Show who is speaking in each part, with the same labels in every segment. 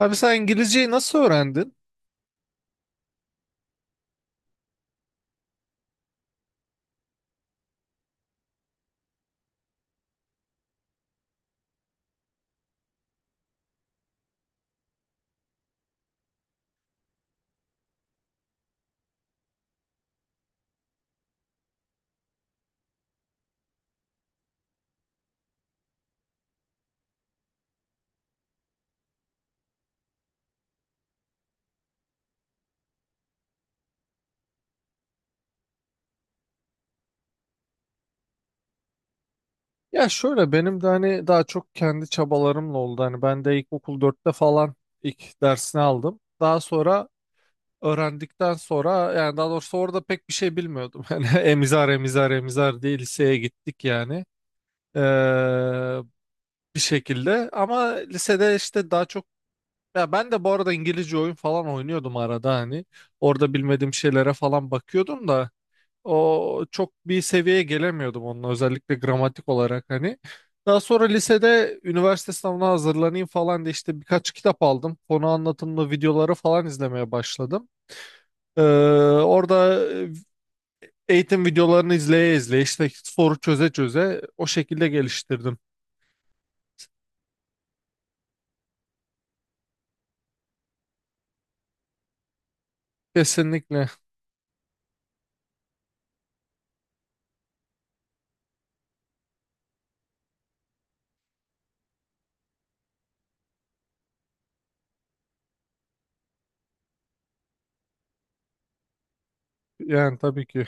Speaker 1: Abi sen İngilizceyi nasıl öğrendin? Ya şöyle, benim de hani daha çok kendi çabalarımla oldu. Hani ben de ilkokul dörtte falan ilk dersini aldım. Daha sonra öğrendikten sonra, yani daha doğrusu, orada pek bir şey bilmiyordum. Yani emizar emizar emizar diye liseye gittik yani. Ee, bir şekilde ama lisede işte daha çok, ya ben de bu arada İngilizce oyun falan oynuyordum arada, hani orada bilmediğim şeylere falan bakıyordum da o çok bir seviyeye gelemiyordum onunla, özellikle gramatik olarak hani. Daha sonra lisede üniversite sınavına hazırlanayım falan diye işte birkaç kitap aldım. Konu anlatımlı videoları falan izlemeye başladım. Ee, orada eğitim videolarını izleye izleye, işte soru çöze çöze, o şekilde geliştirdim. Kesinlikle, yani tabii ki.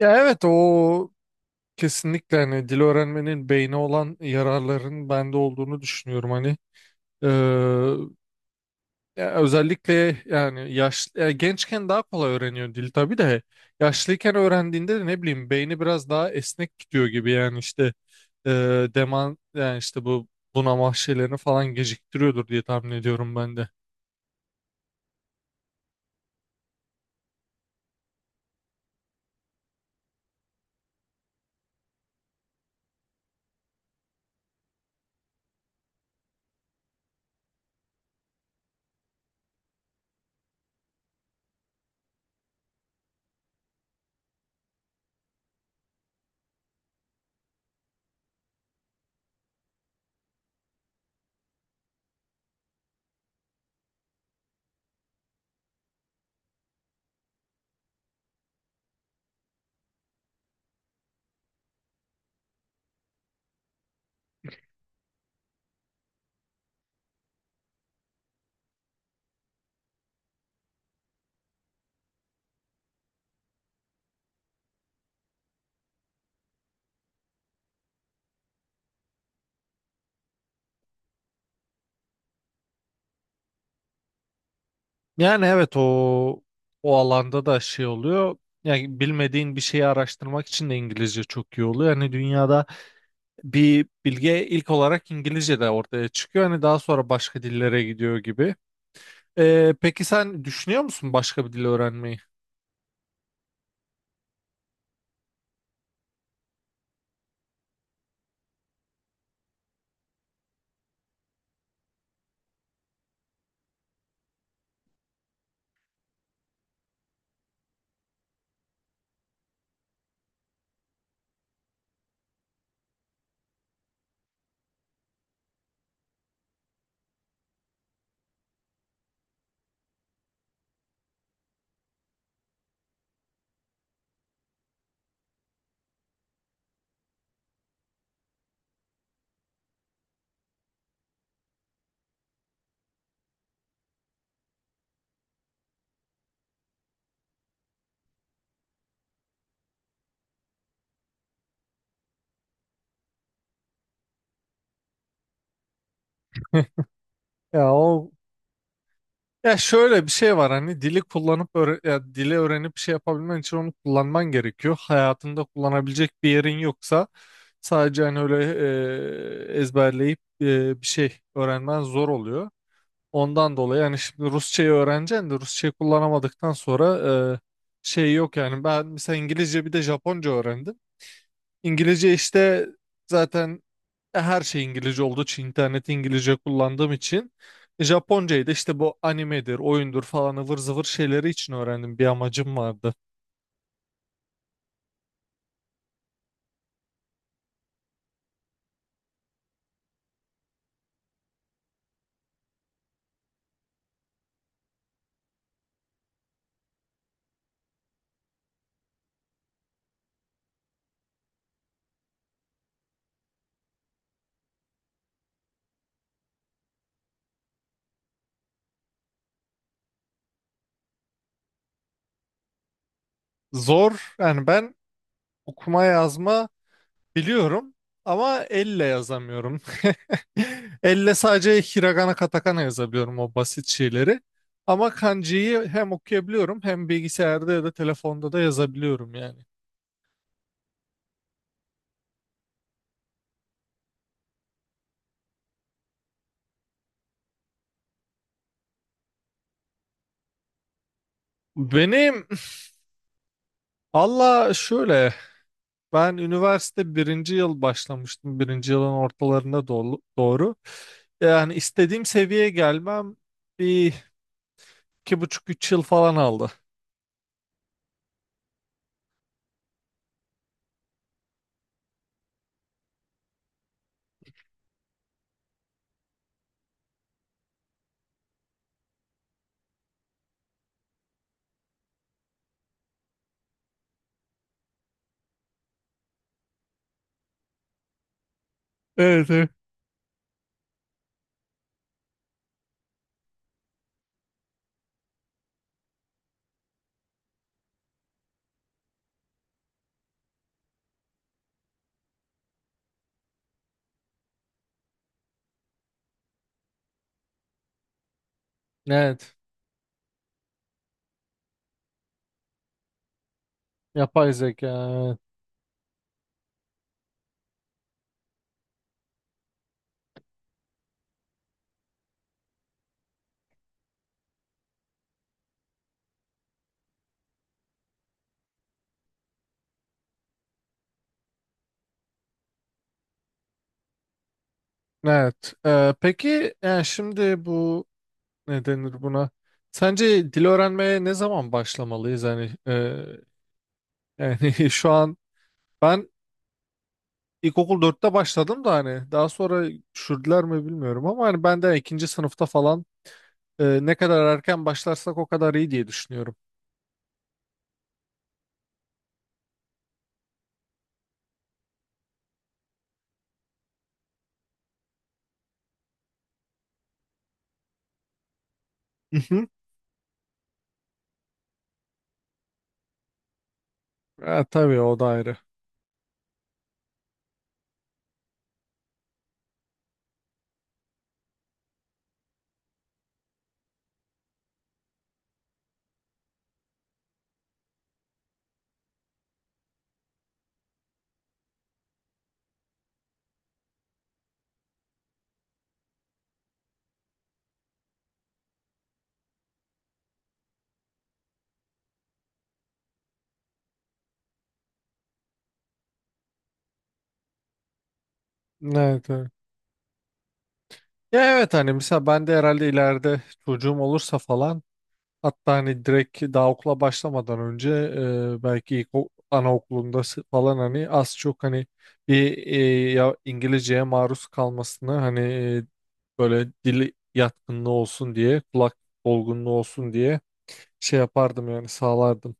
Speaker 1: Ya evet, o kesinlikle, hani dil öğrenmenin beyne olan yararların bende olduğunu düşünüyorum hani. Ee, Ya özellikle yani yaş ya gençken daha kolay öğreniyor dil tabii de, yaşlıyken öğrendiğinde de ne bileyim beyni biraz daha esnek gidiyor gibi yani işte, e, deman yani işte bu bunama şeylerini falan geciktiriyordur diye tahmin ediyorum ben de. Yani evet, o alanda da şey oluyor. Yani bilmediğin bir şeyi araştırmak için de İngilizce çok iyi oluyor. Yani dünyada bir bilgi ilk olarak İngilizce de ortaya çıkıyor. Hani daha sonra başka dillere gidiyor gibi. Peki sen düşünüyor musun başka bir dil öğrenmeyi? Ya o Ya şöyle bir şey var, hani dili kullanıp ya dili öğrenip bir şey yapabilmen için onu kullanman gerekiyor. Hayatında kullanabilecek bir yerin yoksa, sadece hani öyle ezberleyip bir şey öğrenmen zor oluyor. Ondan dolayı yani, şimdi Rusçayı öğreneceksin de Rusçayı kullanamadıktan sonra, e, şey yok yani. Ben mesela İngilizce bir de Japonca öğrendim. İngilizce işte zaten, her şey İngilizce olduğu için, interneti İngilizce kullandığım için, Japoncayı da işte bu animedir, oyundur falan ıvır zıvır şeyleri için öğrendim. Bir amacım vardı. Zor yani. Ben okuma yazma biliyorum ama elle yazamıyorum. Elle sadece hiragana katakana yazabiliyorum, o basit şeyleri. Ama kanjiyi hem okuyabiliyorum hem bilgisayarda ya da telefonda da yazabiliyorum yani. Benim Allah, şöyle, ben üniversite birinci yıl başlamıştım. Birinci yılın ortalarına doğru. Yani istediğim seviyeye gelmem bir 2,5 3 yıl falan aldı. Evet, evet. Evet. Yapay zeka. Evet. Evet. Peki yani, şimdi bu ne denir buna? Sence dil öğrenmeye ne zaman başlamalıyız? Yani yani, şu an ben İlkokul dörtte başladım da, hani daha sonra düşürdüler mi bilmiyorum, ama hani ben de ikinci sınıfta falan, ne kadar erken başlarsak o kadar iyi diye düşünüyorum. Hı hı. Ha, tabii, o da ayrı. Evet, evet. Ya evet, hani mesela ben de herhalde ileride çocuğum olursa falan, hatta hani direkt daha okula başlamadan önce, belki ilk anaokulunda falan, hani az çok hani bir, ya İngilizceye maruz kalmasını hani, böyle dili yatkınlığı olsun diye, kulak olgunluğu olsun diye, şey yapardım yani, sağlardım.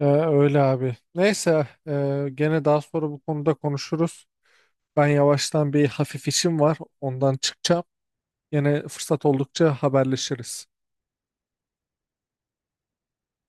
Speaker 1: Öyle abi. Neyse, gene daha sonra bu konuda konuşuruz. Ben yavaştan bir hafif işim var, ondan çıkacağım. Yine fırsat oldukça haberleşiriz.